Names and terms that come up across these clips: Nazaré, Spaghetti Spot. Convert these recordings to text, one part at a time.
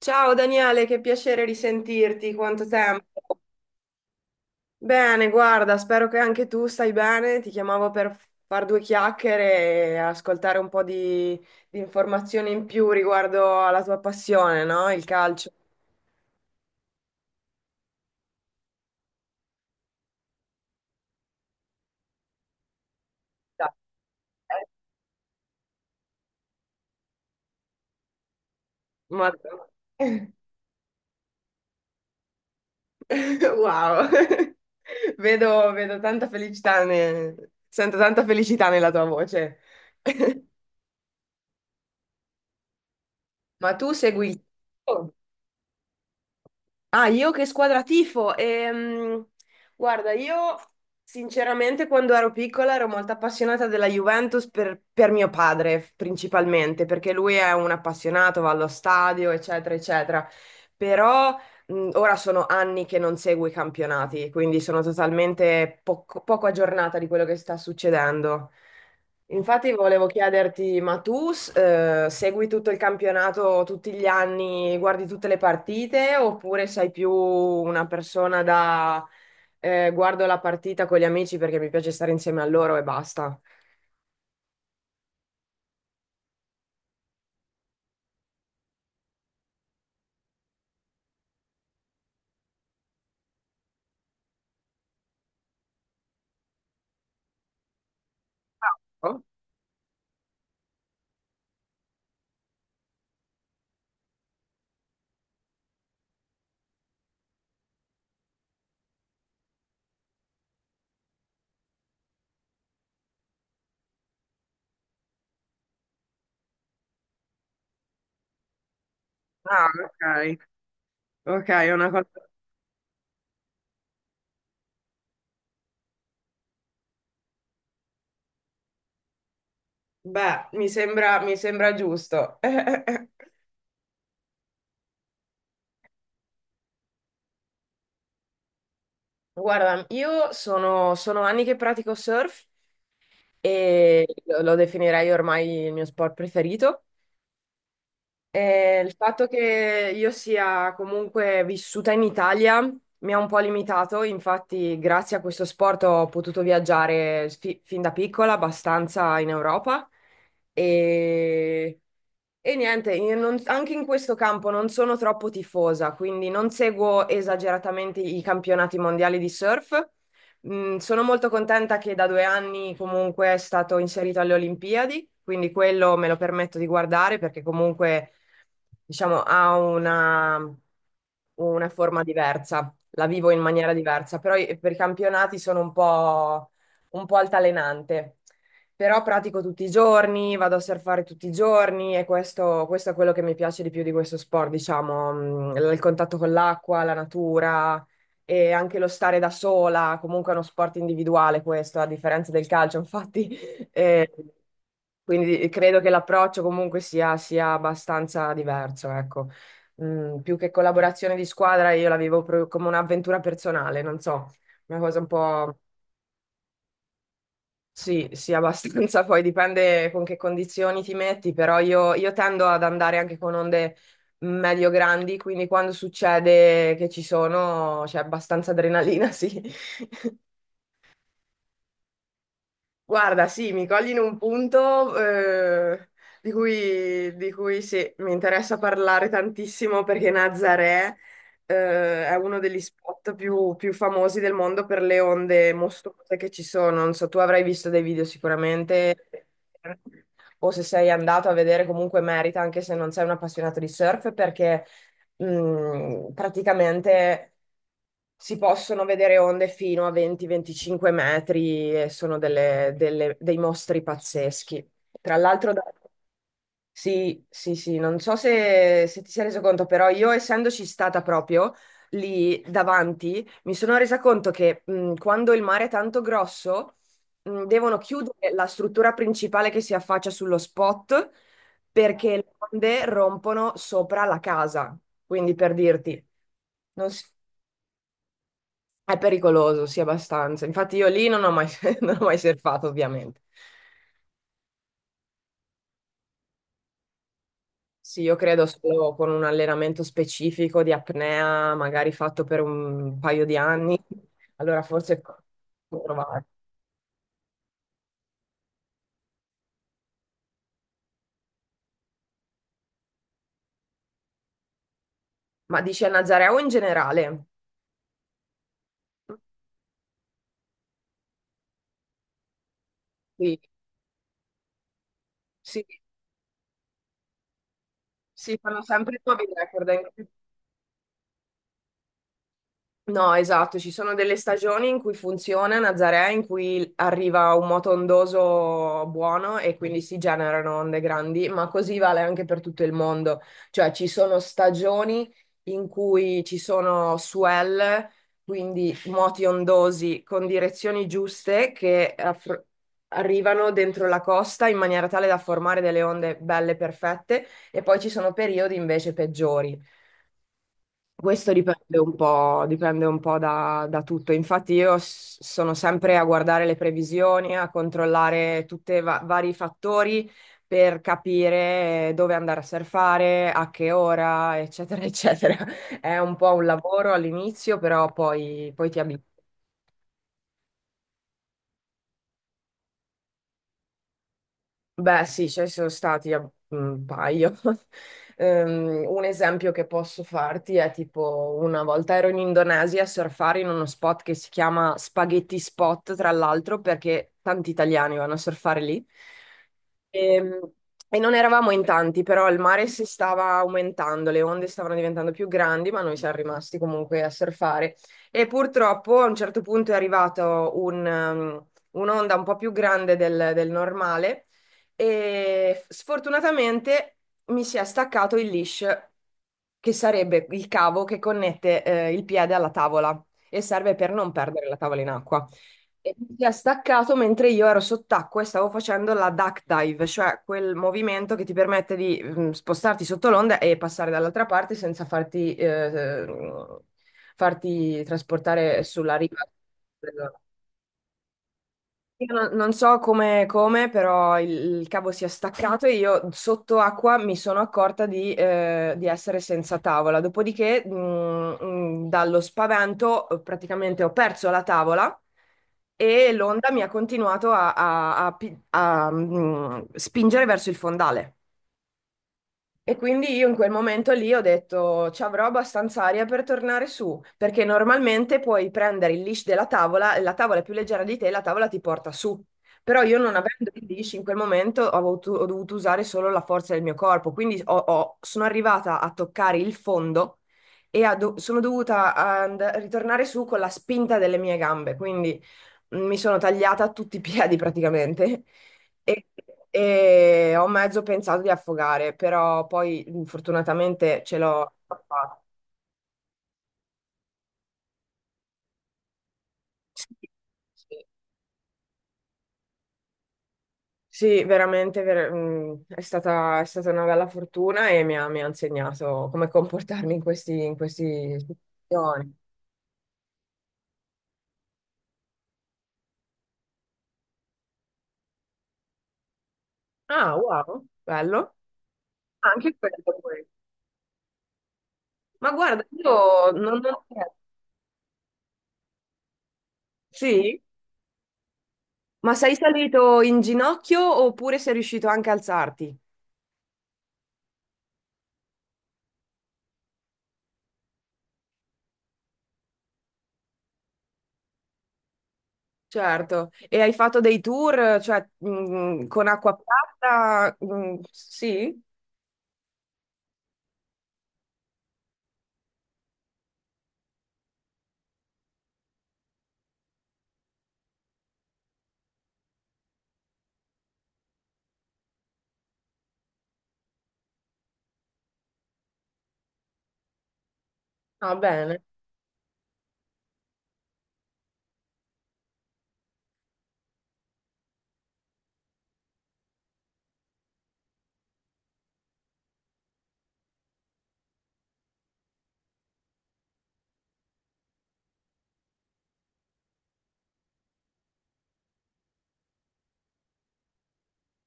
Ciao Daniele, che piacere risentirti, quanto tempo. Bene, guarda, spero che anche tu stai bene. Ti chiamavo per far due chiacchiere e ascoltare un po' di informazioni in più riguardo alla tua passione, no? Il calcio. Ma- Wow, vedo tanta felicità, sento tanta felicità nella tua voce. Ma tu segui il calcio? Ah, io che squadra tifo? Guarda, io sinceramente quando ero piccola ero molto appassionata della Juventus per mio padre, principalmente, perché lui è un appassionato, va allo stadio, eccetera, eccetera. Però ora sono anni che non seguo i campionati, quindi sono totalmente poco aggiornata di quello che sta succedendo. Infatti volevo chiederti, ma tu segui tutto il campionato tutti gli anni, guardi tutte le partite, oppure sei più una persona da guardo la partita con gli amici perché mi piace stare insieme a loro e basta? Oh. Ah, ok. Ok, è una cosa. Beh, mi sembra giusto. Guarda, io sono anni che pratico surf e lo definirei ormai il mio sport preferito. E il fatto che io sia comunque vissuta in Italia mi ha un po' limitato, infatti grazie a questo sport ho potuto viaggiare fin da piccola abbastanza in Europa e, e niente, io non- anche in questo campo non sono troppo tifosa, quindi non seguo esageratamente i campionati mondiali di surf. Sono molto contenta che da 2 anni comunque è stato inserito alle Olimpiadi, quindi quello me lo permetto di guardare perché comunque diciamo, ha una forma diversa, la vivo in maniera diversa, però per i campionati sono un po' altalenante. Però pratico tutti i giorni, vado a surfare tutti i giorni e questo è quello che mi piace di più di questo sport, diciamo, il contatto con l'acqua, la natura e anche lo stare da sola, comunque è uno sport individuale questo, a differenza del calcio, infatti e quindi credo che l'approccio comunque sia abbastanza diverso, ecco. Più che collaborazione di squadra, io la vivo proprio come un'avventura personale, non so, una cosa un po'. Sì, sì, abbastanza, poi dipende con che condizioni ti metti, però io tendo ad andare anche con onde medio grandi, quindi quando succede che ci sono c'è abbastanza adrenalina, sì. Guarda, sì, mi cogli in un punto di cui, sì, mi interessa parlare tantissimo perché Nazaré è uno degli spot più famosi del mondo per le onde mostruose che ci sono. Non so, tu avrai visto dei video sicuramente, o se sei andato a vedere, comunque merita, anche se non sei un appassionato di surf, perché praticamente si possono vedere onde fino a 20-25 metri e sono dei mostri pazzeschi. Tra l'altro, sì, sì, sì, non so se ti sei reso conto, però io essendoci stata proprio lì davanti, mi sono resa conto che quando il mare è tanto grosso, devono chiudere la struttura principale che si affaccia sullo spot perché le onde rompono sopra la casa, quindi per dirti, non si- è pericoloso, sì, abbastanza. Infatti io lì non ho mai, non ho mai surfato, ovviamente. Sì, io credo solo con un allenamento specifico di apnea, magari fatto per un paio di anni, allora forse può provare. Ma dici a Nazarea o in generale? Sì, sì, sì, fanno sempre nuovi record. No, esatto, ci sono delle stagioni in cui funziona Nazaré, in cui arriva un moto ondoso buono e quindi si generano onde grandi, ma così vale anche per tutto il mondo. Cioè ci sono stagioni in cui ci sono swell, quindi moti ondosi con direzioni giuste che arrivano dentro la costa in maniera tale da formare delle onde belle perfette e poi ci sono periodi invece peggiori. Questo dipende un po' da tutto. Infatti io sono sempre a guardare le previsioni, a controllare tutti i vari fattori per capire dove andare a surfare, a che ora, eccetera, eccetera. È un po' un lavoro all'inizio, però poi ti abitui. Beh, sì, ce ne sono stati un paio. Un esempio che posso farti è tipo una volta ero in Indonesia a surfare in uno spot che si chiama Spaghetti Spot, tra l'altro, perché tanti italiani vanno a surfare lì. Ehm, E, non eravamo in tanti, però il mare si stava aumentando, le onde stavano diventando più grandi, ma noi siamo rimasti comunque a surfare. E purtroppo a un certo punto è arrivato un'onda un po' più grande del normale e sfortunatamente mi si è staccato il leash, che sarebbe il cavo che connette il piede alla tavola e serve per non perdere la tavola in acqua. E mi si è staccato mentre io ero sott'acqua e stavo facendo la duck dive, cioè quel movimento che ti permette di spostarti sotto l'onda e passare dall'altra parte senza farti trasportare sulla riva. Io non so come, però il cavo si è staccato e io sotto acqua mi sono accorta di essere senza tavola. Dopodiché, dallo spavento, praticamente ho perso la tavola e l'onda mi ha continuato a, spingere verso il fondale. E quindi io in quel momento lì ho detto ci avrò abbastanza aria per tornare su, perché normalmente puoi prendere il leash della tavola e la tavola è più leggera di te e la tavola ti porta su. Però io non avendo il leash in quel momento ho dovuto usare solo la forza del mio corpo, quindi sono arrivata a toccare il fondo e sono dovuta ritornare su con la spinta delle mie gambe, quindi mi sono tagliata tutti i piedi praticamente e, e ho mezzo pensato di affogare, però poi fortunatamente ce l'ho fatta. Sì, sì. Sì, veramente è stata, una bella fortuna e mi ha insegnato come comportarmi in questi situazioni. Ah, wow, bello. Anche quello poi. Ma guarda, io non. Sì? Ma sei salito in ginocchio oppure sei riuscito anche a alzarti? Certo, e hai fatto dei tour, cioè, con acqua piatta? Sì? Ah, bene.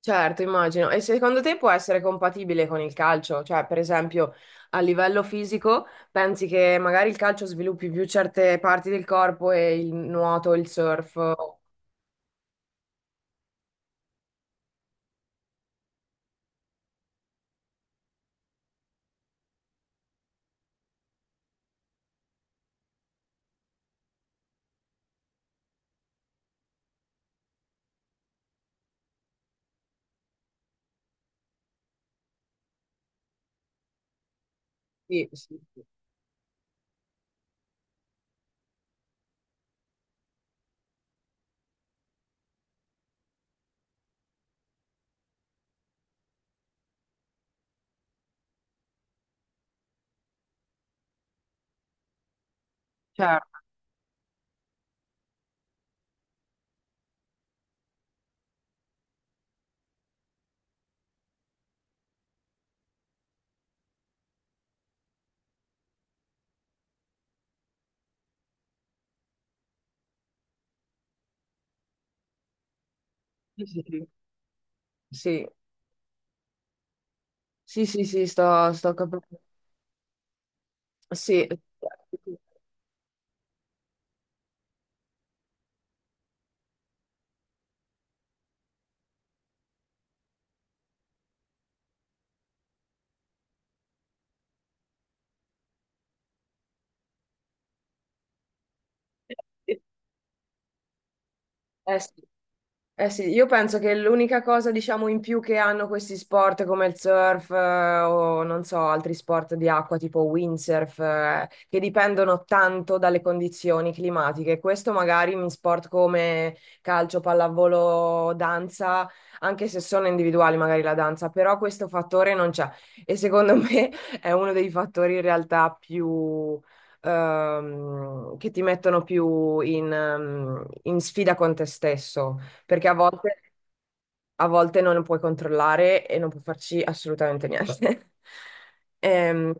Certo, immagino. E secondo te può essere compatibile con il calcio? Cioè, per esempio, a livello fisico, pensi che magari il calcio sviluppi più certe parti del corpo e il nuoto, il surf? Sì, sì, sì. Certo. Sì, sì, sì. Sì, sì, sì, sì, sto capendo. Sì. Sì. Eh sì, io penso che l'unica cosa, diciamo, in più che hanno questi sport come il surf, o non so, altri sport di acqua tipo windsurf, che dipendono tanto dalle condizioni climatiche. Questo magari in sport come calcio, pallavolo, danza, anche se sono individuali magari la danza, però questo fattore non c'è. E secondo me è uno dei fattori in realtà più che ti mettono più in sfida con te stesso perché a volte non puoi controllare e non puoi farci assolutamente niente. Ehm,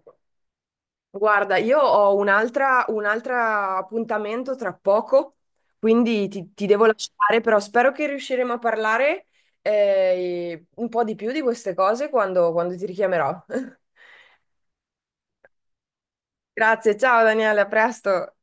guarda, io ho un altro appuntamento tra poco, quindi ti devo lasciare, però spero che riusciremo a parlare un po' di più di queste cose quando ti richiamerò. Grazie, ciao Daniele, a presto.